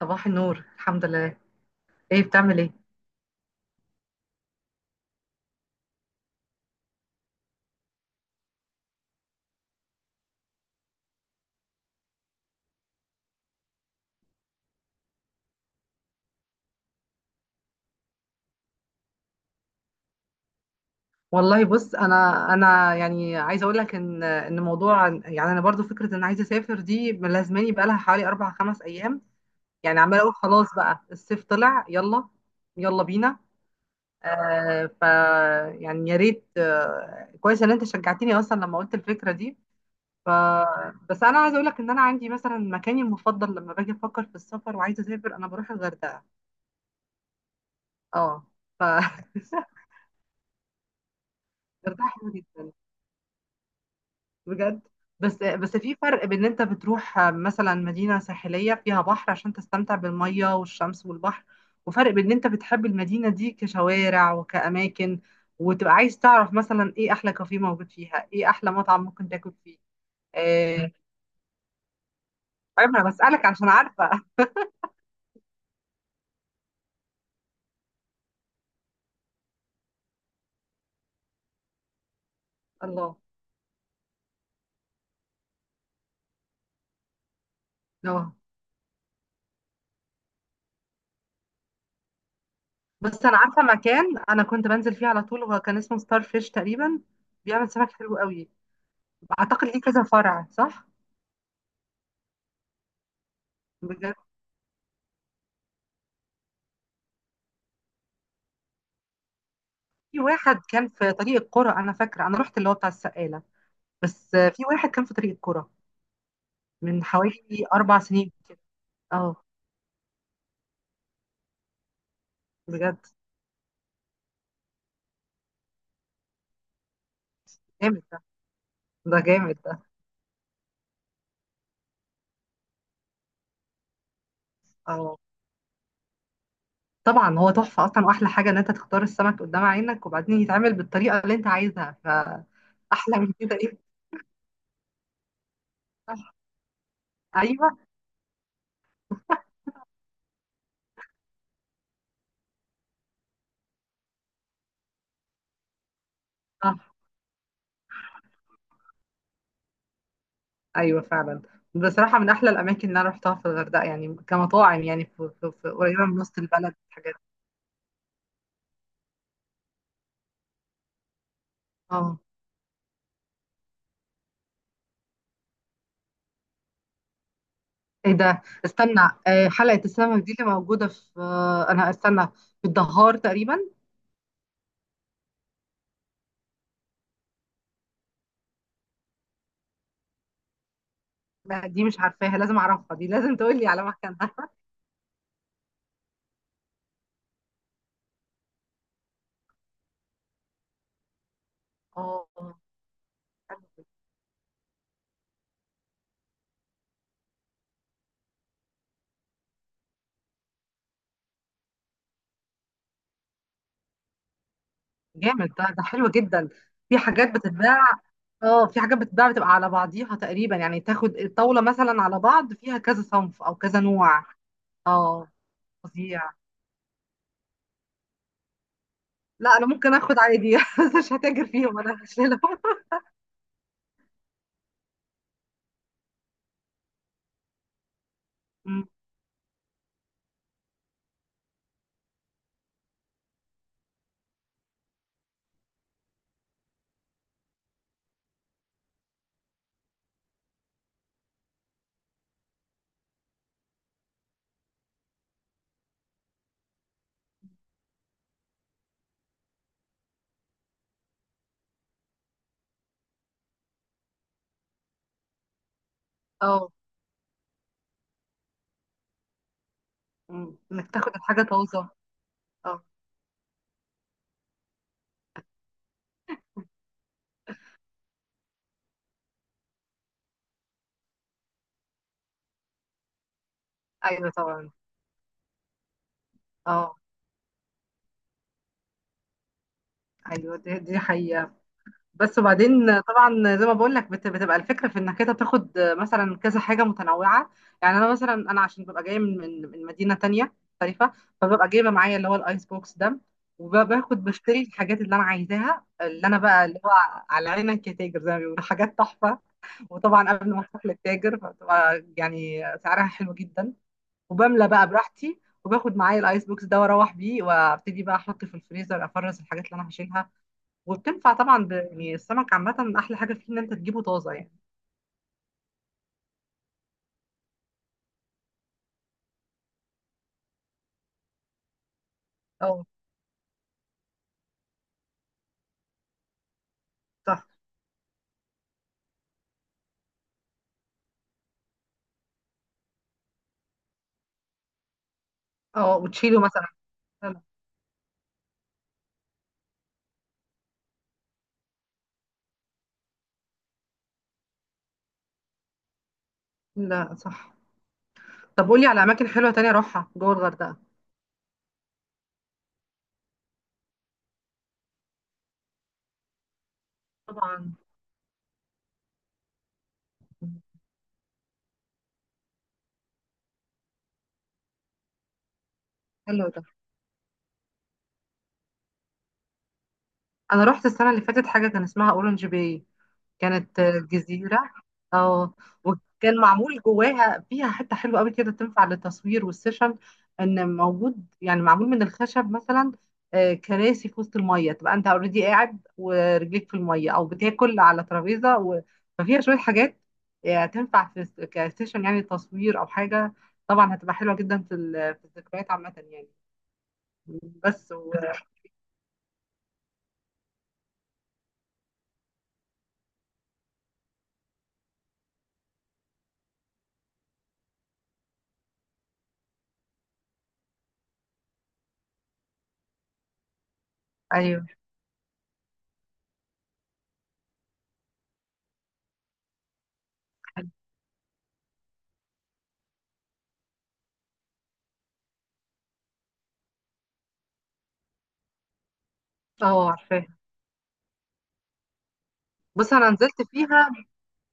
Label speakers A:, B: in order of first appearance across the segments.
A: صباح النور، الحمد لله. ايه بتعمل ايه؟ والله بص، انا يعني عايزه اقول لك ان موضوع، يعني انا برضو فكره ان عايزه اسافر دي ملازماني بقالها حوالي 4 5 ايام. يعني عماله اقول خلاص بقى الصيف طلع، يلا يلا بينا. آه ف يعني يا ريت، كويس ان انت شجعتني اصلا لما قلت الفكره دي. ف بس انا عايزه اقول لك ان انا عندي مثلا مكاني المفضل لما باجي افكر في السفر وعايزه اسافر انا بروح الغردقه. اه. ف الغردقه حلوه جدا، بجد. بس في فرق بين ان انت بتروح مثلا مدينة ساحلية فيها بحر عشان تستمتع بالمية والشمس والبحر، وفرق بين ان انت بتحب المدينة دي كشوارع وكأماكن، وتبقى عايز تعرف مثلا ايه احلى كافيه موجود فيها، ايه احلى مطعم ممكن تاكل فيه. آه، عيب انا بسألك عشان عارفة. الله. اه. بس انا عارفة مكان انا كنت بنزل فيه على طول، هو كان اسمه ستار فيش تقريبا، بيعمل سمك حلو قوي. اعتقد ليه كذا فرع، صح؟ بجد. في واحد كان في طريق القرى، انا فاكره انا رحت اللي هو بتاع السقاله. بس، في واحد كان في طريق القرى من حوالي 4 سنين. اه. بجد. جامد ده، ده جامد ده. اه، طبعا هو تحفه اصلا، واحلى حاجه ان انت تختار السمك قدام عينك وبعدين يتعمل بالطريقه اللي انت عايزها. فاحلى من كده ايه؟ صح. ايوه صح. ايوه فعلا. بصراحه من احلى الاماكن اللي انا رحتها في الغردقه، يعني كمطاعم، يعني قريبه من وسط البلد الحاجات. ايه ده، استنى. حلقة السمك دي اللي موجودة في، انا استنى، في الدهار تقريبا. لا دي مش عارفاها، لازم اعرفها، دي لازم تقول لي على مكانها. اه، جامد ده، ده حلو جدا. في حاجات بتتباع. اه في حاجات بتتباع بتبقى على بعضيها تقريبا، يعني تاخد الطاولة مثلا على بعض فيها كذا صنف او كذا نوع. اه، فظيع. لا انا ممكن اخد عادي بس مش هتاجر فيهم، انا هشيلهم. أمم، اه. انك تاخد الحاجة طازة. اه. ايوه طبعا. اه. ايوه دي دي حقيقة. بس وبعدين طبعا زي ما بقول لك، بتبقى الفكرة في انك انت تاخد مثلا كذا حاجة متنوعة. يعني انا مثلا انا عشان ببقى جاية من مدينة تانية مختلفة، فببقى جايبة معايا اللي هو الايس بوكس ده، وباخد بشتري الحاجات اللي انا عايزاها، اللي انا بقى اللي هو على عينك يا تاجر زي ما بيقولوا، حاجات تحفة. وطبعا قبل ما اروح للتاجر فبتبقى يعني سعرها حلو جدا، وبملى بقى براحتي، وباخد معايا الايس بوكس ده واروح بيه، وابتدي بقى احط في الفريزر، افرز الحاجات اللي انا هشيلها. وبتنفع طبعا يعني السمك عامة أحلى حاجة فيه إن أنت تجيبه طازة يعني. اه صح. اه وتشيله مثلا. لا. لا، صح. طب قولي على أماكن حلوة تانية أروحها جوه الغردقة. طبعا. حلو ده. أنا رحت السنة اللي فاتت حاجة كان اسمها أورنج باي، كانت جزيرة. اه. وكان معمول جواها فيها حتة حلوة قوي كده تنفع للتصوير والسيشن، ان موجود يعني معمول من الخشب مثلا، كراسي في وسط المية تبقى انت اوريدي قاعد ورجليك في المية او بتاكل على ترابيزة و... ففيها شوية حاجات تنفع في كسيشن، يعني تصوير او حاجة. طبعا هتبقى حلوة جدا في في الذكريات عامة يعني. بس و... ايوه. اه عارفاها. بص انا نزلت فيها،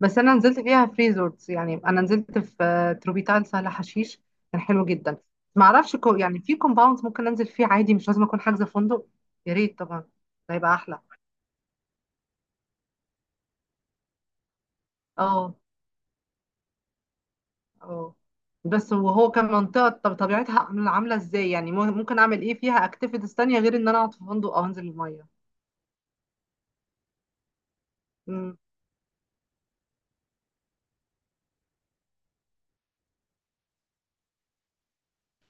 A: بس انا نزلت فيها في ريزورتس، يعني انا نزلت في، تروبيتال سهل حشيش، كان حلو جدا. ما اعرفش كو يعني في كومباوندز ممكن انزل فيه عادي مش لازم اكون حاجزه فندق. يا ريت طبعا. ده هيبقى احلى. اه. اه بس وهو كان منطقه، طب طبيعتها عامله عاملة ازاي يعني، ممكن اعمل ايه فيها اكتيفيتيز تانية غير ان انا اقعد في فندق او انزل الميه. امم.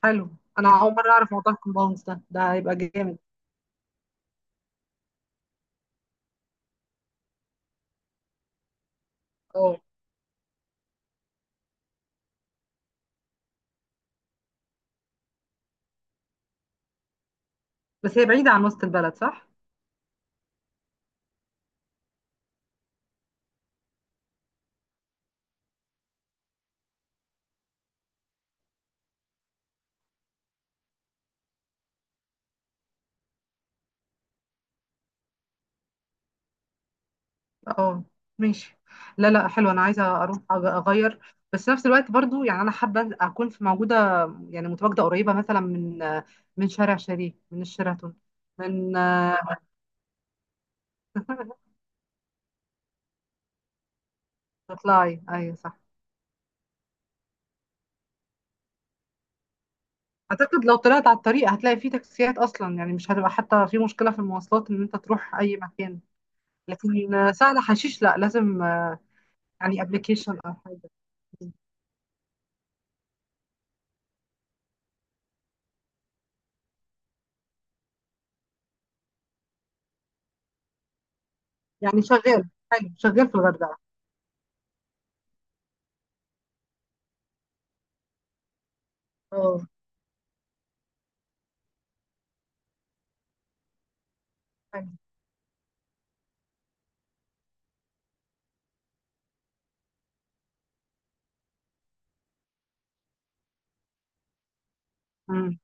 A: حلو. انا اول مره اعرف موضوع الكومباوندز ده، ده هيبقى جامد. اه. بس هي بعيده عن وسط البلد، صح؟ اه. ماشي. لا لا حلو انا عايزه اروح اغير. بس نفس الوقت برضو يعني انا حابه اكون في موجوده، يعني متواجده قريبه مثلا من شارع شريف، من الشيراتون، من، تطلعي ايوه صح. اعتقد لو طلعت على الطريق هتلاقي فيه تاكسيات اصلا، يعني مش هتبقى حتى في مشكله في المواصلات ان انت تروح اي مكان. لكن، سهل حشيش لا لازم، يعني ابلكيشن او حاجه. يعني شغال حلو، شغال في الغردقه. اه حلو. امم.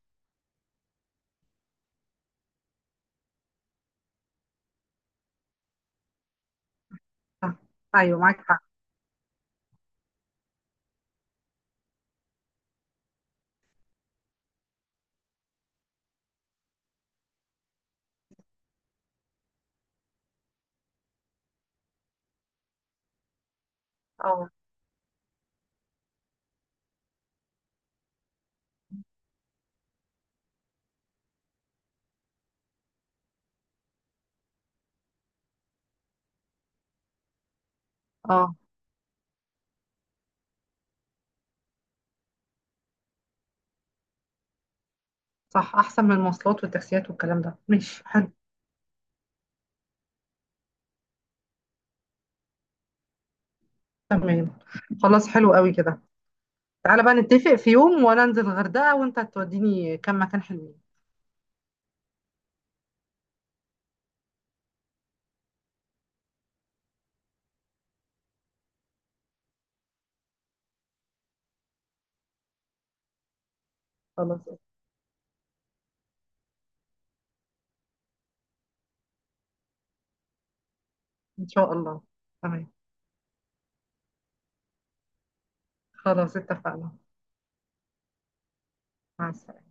A: صح. ايوه معاك حق. اه. اه صح، احسن من المواصلات والتاكسيات والكلام ده. ماشي حلو. تمام. خلاص حلو قوي كده. تعالى بقى نتفق في يوم وانا انزل الغردقة وانت توديني كم مكان حلوين. خلاص. ان شاء الله. تمام. خلاص اتفقنا. مع السلامة.